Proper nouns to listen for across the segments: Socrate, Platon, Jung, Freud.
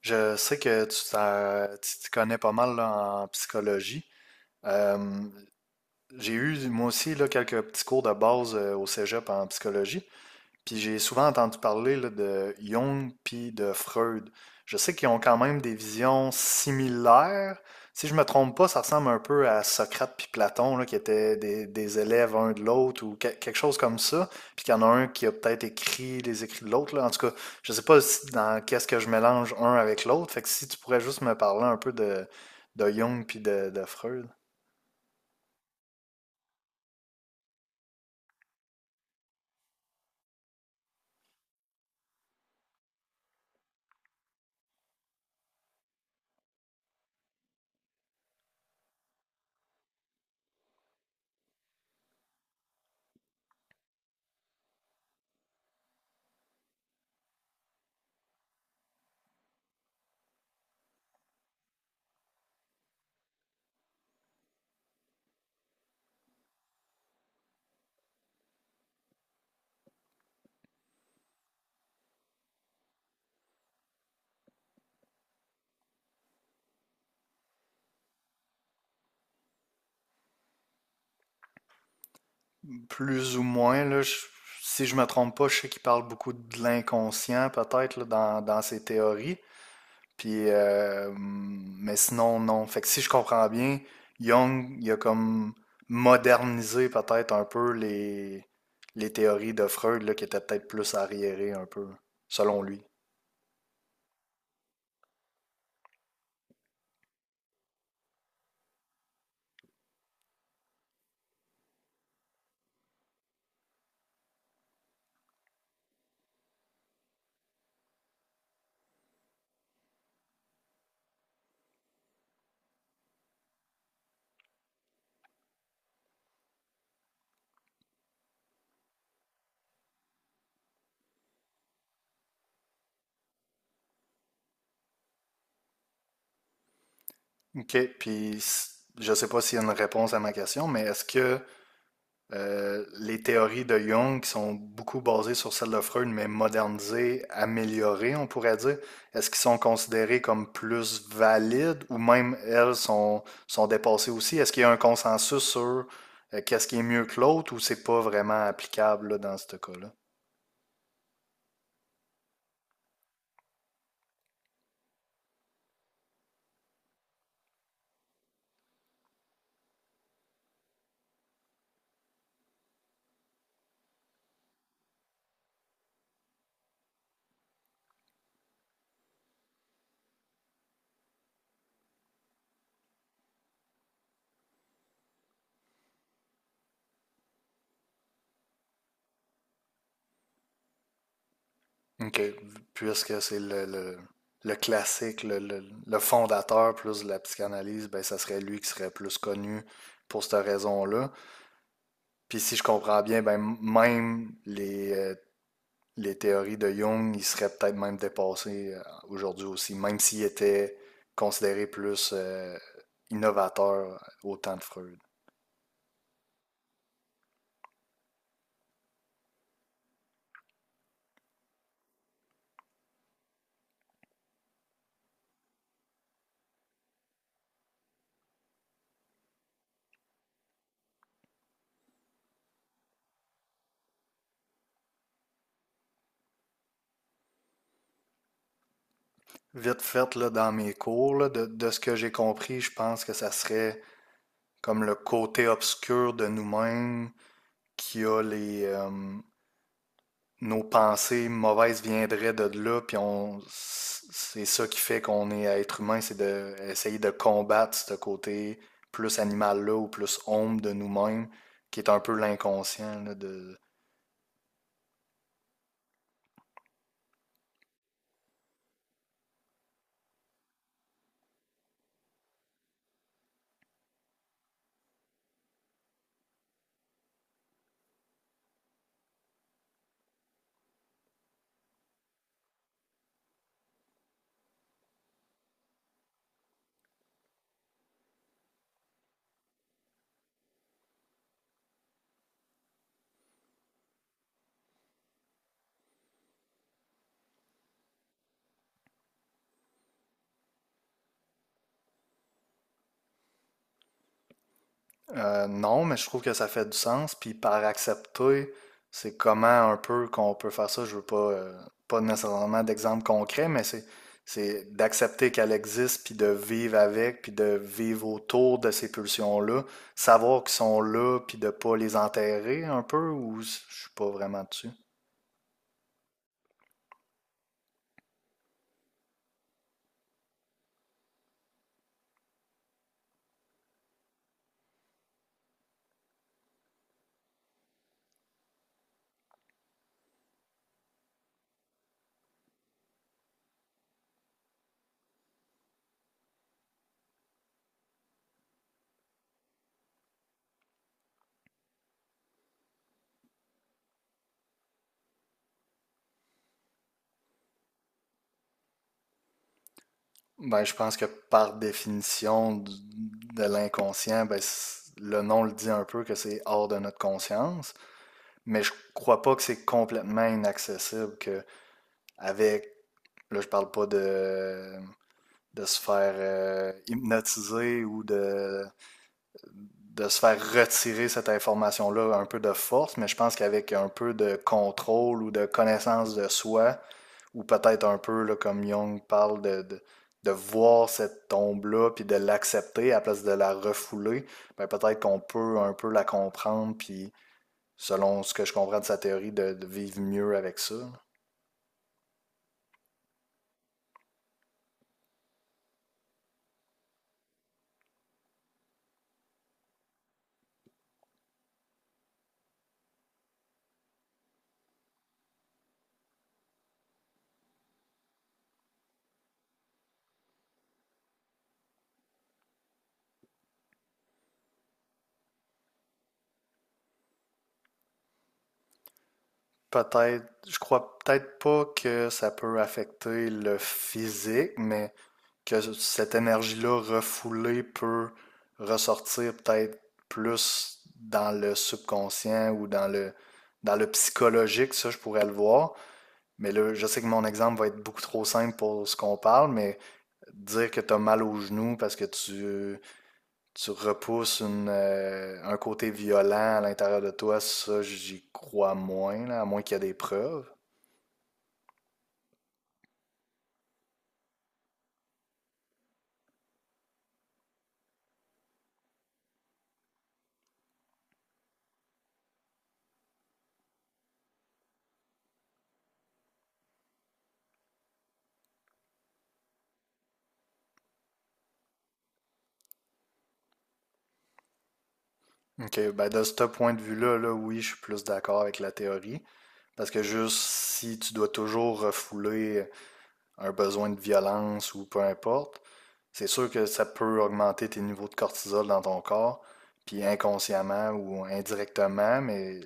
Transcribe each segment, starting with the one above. Je sais que tu t'y connais pas mal là, en psychologie. Euh, j'ai eu moi aussi là, quelques petits cours de base au cégep en psychologie. Puis j'ai souvent entendu parler là, de Jung puis de Freud. Je sais qu'ils ont quand même des visions similaires. Si je me trompe pas, ça ressemble un peu à Socrate puis Platon, là, qui étaient des élèves un de l'autre ou quelque chose comme ça. Puis qu'il y en a un qui a peut-être écrit les écrits de l'autre, là. En tout cas, je sais pas si- dans qu'est-ce que je mélange un avec l'autre. Fait que si tu pourrais juste me parler un peu de Jung puis de Freud. Plus ou moins, là, si je me trompe pas, je sais qu'il parle beaucoup de l'inconscient, peut-être, là, dans ses théories. Puis, mais sinon, non. Fait que si je comprends bien, Jung, il a comme modernisé peut-être un peu les théories de Freud, là, qui étaient peut-être plus arriérées un peu, selon lui. OK. Je sais pas s'il y a une réponse à ma question, mais est-ce que les théories de Jung qui sont beaucoup basées sur celles de Freud, mais modernisées, améliorées, on pourrait dire, est-ce qu'ils sont considérés comme plus valides ou même elles sont dépassées aussi? Est-ce qu'il y a un consensus sur qu'est-ce qui est mieux que l'autre ou c'est pas vraiment applicable là, dans ce cas-là? OK. Puisque c'est le classique, le fondateur plus de la psychanalyse, ben ça serait lui qui serait plus connu pour cette raison-là. Puis si je comprends bien, ben même les théories de Jung, ils seraient peut-être même dépassées aujourd'hui aussi, même s'ils étaient considérés plus innovateurs au temps de Freud. Vite fait, là, dans mes cours, là, de ce que j'ai compris, je pense que ça serait comme le côté obscur de nous-mêmes qui a nos pensées mauvaises viendraient de là, puis on, c'est ça qui fait qu'on est être humain, c'est d'essayer de combattre ce côté plus animal-là ou plus homme de nous-mêmes, qui est un peu l'inconscient là de non, mais je trouve que ça fait du sens. Puis par accepter, c'est comment un peu qu'on peut faire ça. Je veux pas, pas nécessairement d'exemple concret, mais c'est d'accepter qu'elle existe, puis de vivre avec, puis de vivre autour de ces pulsions-là, savoir qu'ils sont là, puis de pas les enterrer un peu, ou je suis pas vraiment dessus. Ben, je pense que par de l'inconscient, ben, le nom le dit un peu que c'est hors de notre conscience. Mais je crois pas que c'est complètement inaccessible que avec là je parle pas de de se faire hypnotiser ou de se faire retirer cette information-là un peu de force, mais je pense qu'avec un peu de contrôle ou de connaissance de soi, ou peut-être un peu là, comme Jung parle de voir cette tombe-là, puis de l'accepter à la place de la refouler, ben peut-être qu'on peut un peu la comprendre, puis selon ce que je comprends de sa théorie, de vivre mieux avec ça. Peut-être, je crois peut-être pas que ça peut affecter le physique, mais que cette énergie-là refoulée peut ressortir peut-être plus dans le subconscient ou dans dans le psychologique, ça je pourrais le voir. Mais là, je sais que mon exemple va être beaucoup trop simple pour ce qu'on parle, mais dire que t'as mal au genou parce que tu repousses un côté violent à l'intérieur de toi, ça, j'y crois moins, là, à moins qu'il y ait des preuves. OK, ben de ce point de vue-là, là, oui, je suis plus d'accord avec la théorie. Parce que juste si tu dois toujours refouler un besoin de violence ou peu importe, c'est sûr que ça peut augmenter tes niveaux de cortisol dans ton corps, puis inconsciemment ou indirectement, mais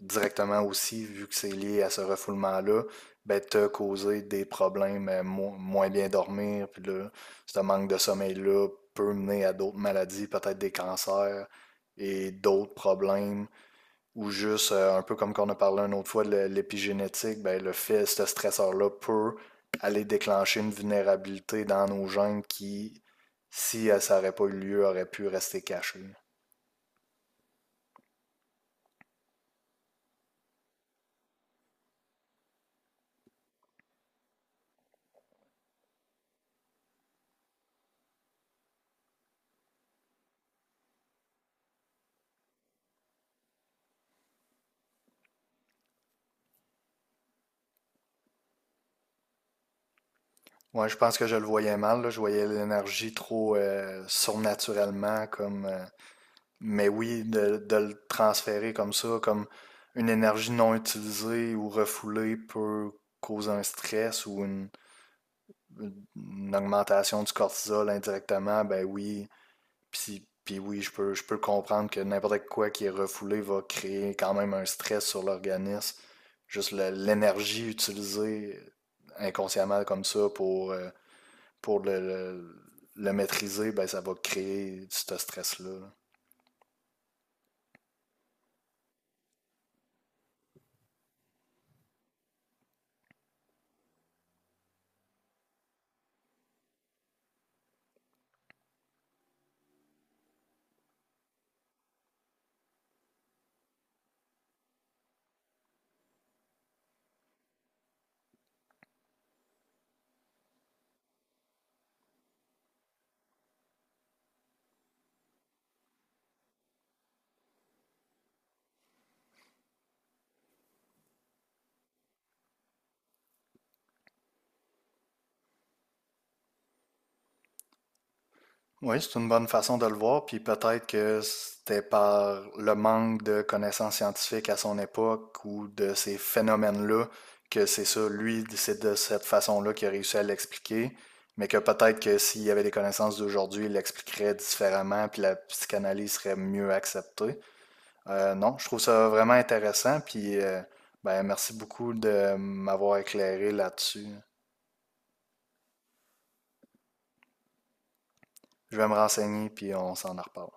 directement aussi, vu que c'est lié à ce refoulement-là, ben, te causer des problèmes, moins bien dormir, puis là, ce manque de sommeil-là peut mener à d'autres maladies, peut-être des cancers et d'autres problèmes ou juste, un peu comme qu'on a parlé une autre fois de l'épigénétique, ben, le fait, ce stresseur-là peut aller déclencher une vulnérabilité dans nos gènes qui, si ça n'aurait pas eu lieu, aurait pu rester cachée. Ouais, je pense que je le voyais mal, là. Je voyais l'énergie trop surnaturellement comme mais oui, de le transférer comme ça, comme une énergie non utilisée ou refoulée peut causer un stress ou une augmentation du cortisol indirectement, ben oui. Puis oui, je peux comprendre que n'importe quoi qui est refoulé va créer quand même un stress sur l'organisme. Juste l'énergie utilisée inconsciemment comme ça pour le maîtriser, ben ça va créer ce stress-là. Là. Oui, c'est une bonne façon de le voir, puis peut-être que c'était par le manque de connaissances scientifiques à son époque ou de ces phénomènes-là que c'est ça, lui, c'est de cette façon-là qu'il a réussi à l'expliquer, mais que peut-être que s'il y avait des connaissances d'aujourd'hui, il l'expliquerait différemment, puis la psychanalyse serait mieux acceptée. Non, je trouve ça vraiment intéressant, puis ben, merci beaucoup de m'avoir éclairé là-dessus. Je vais me renseigner, puis on s'en reparle.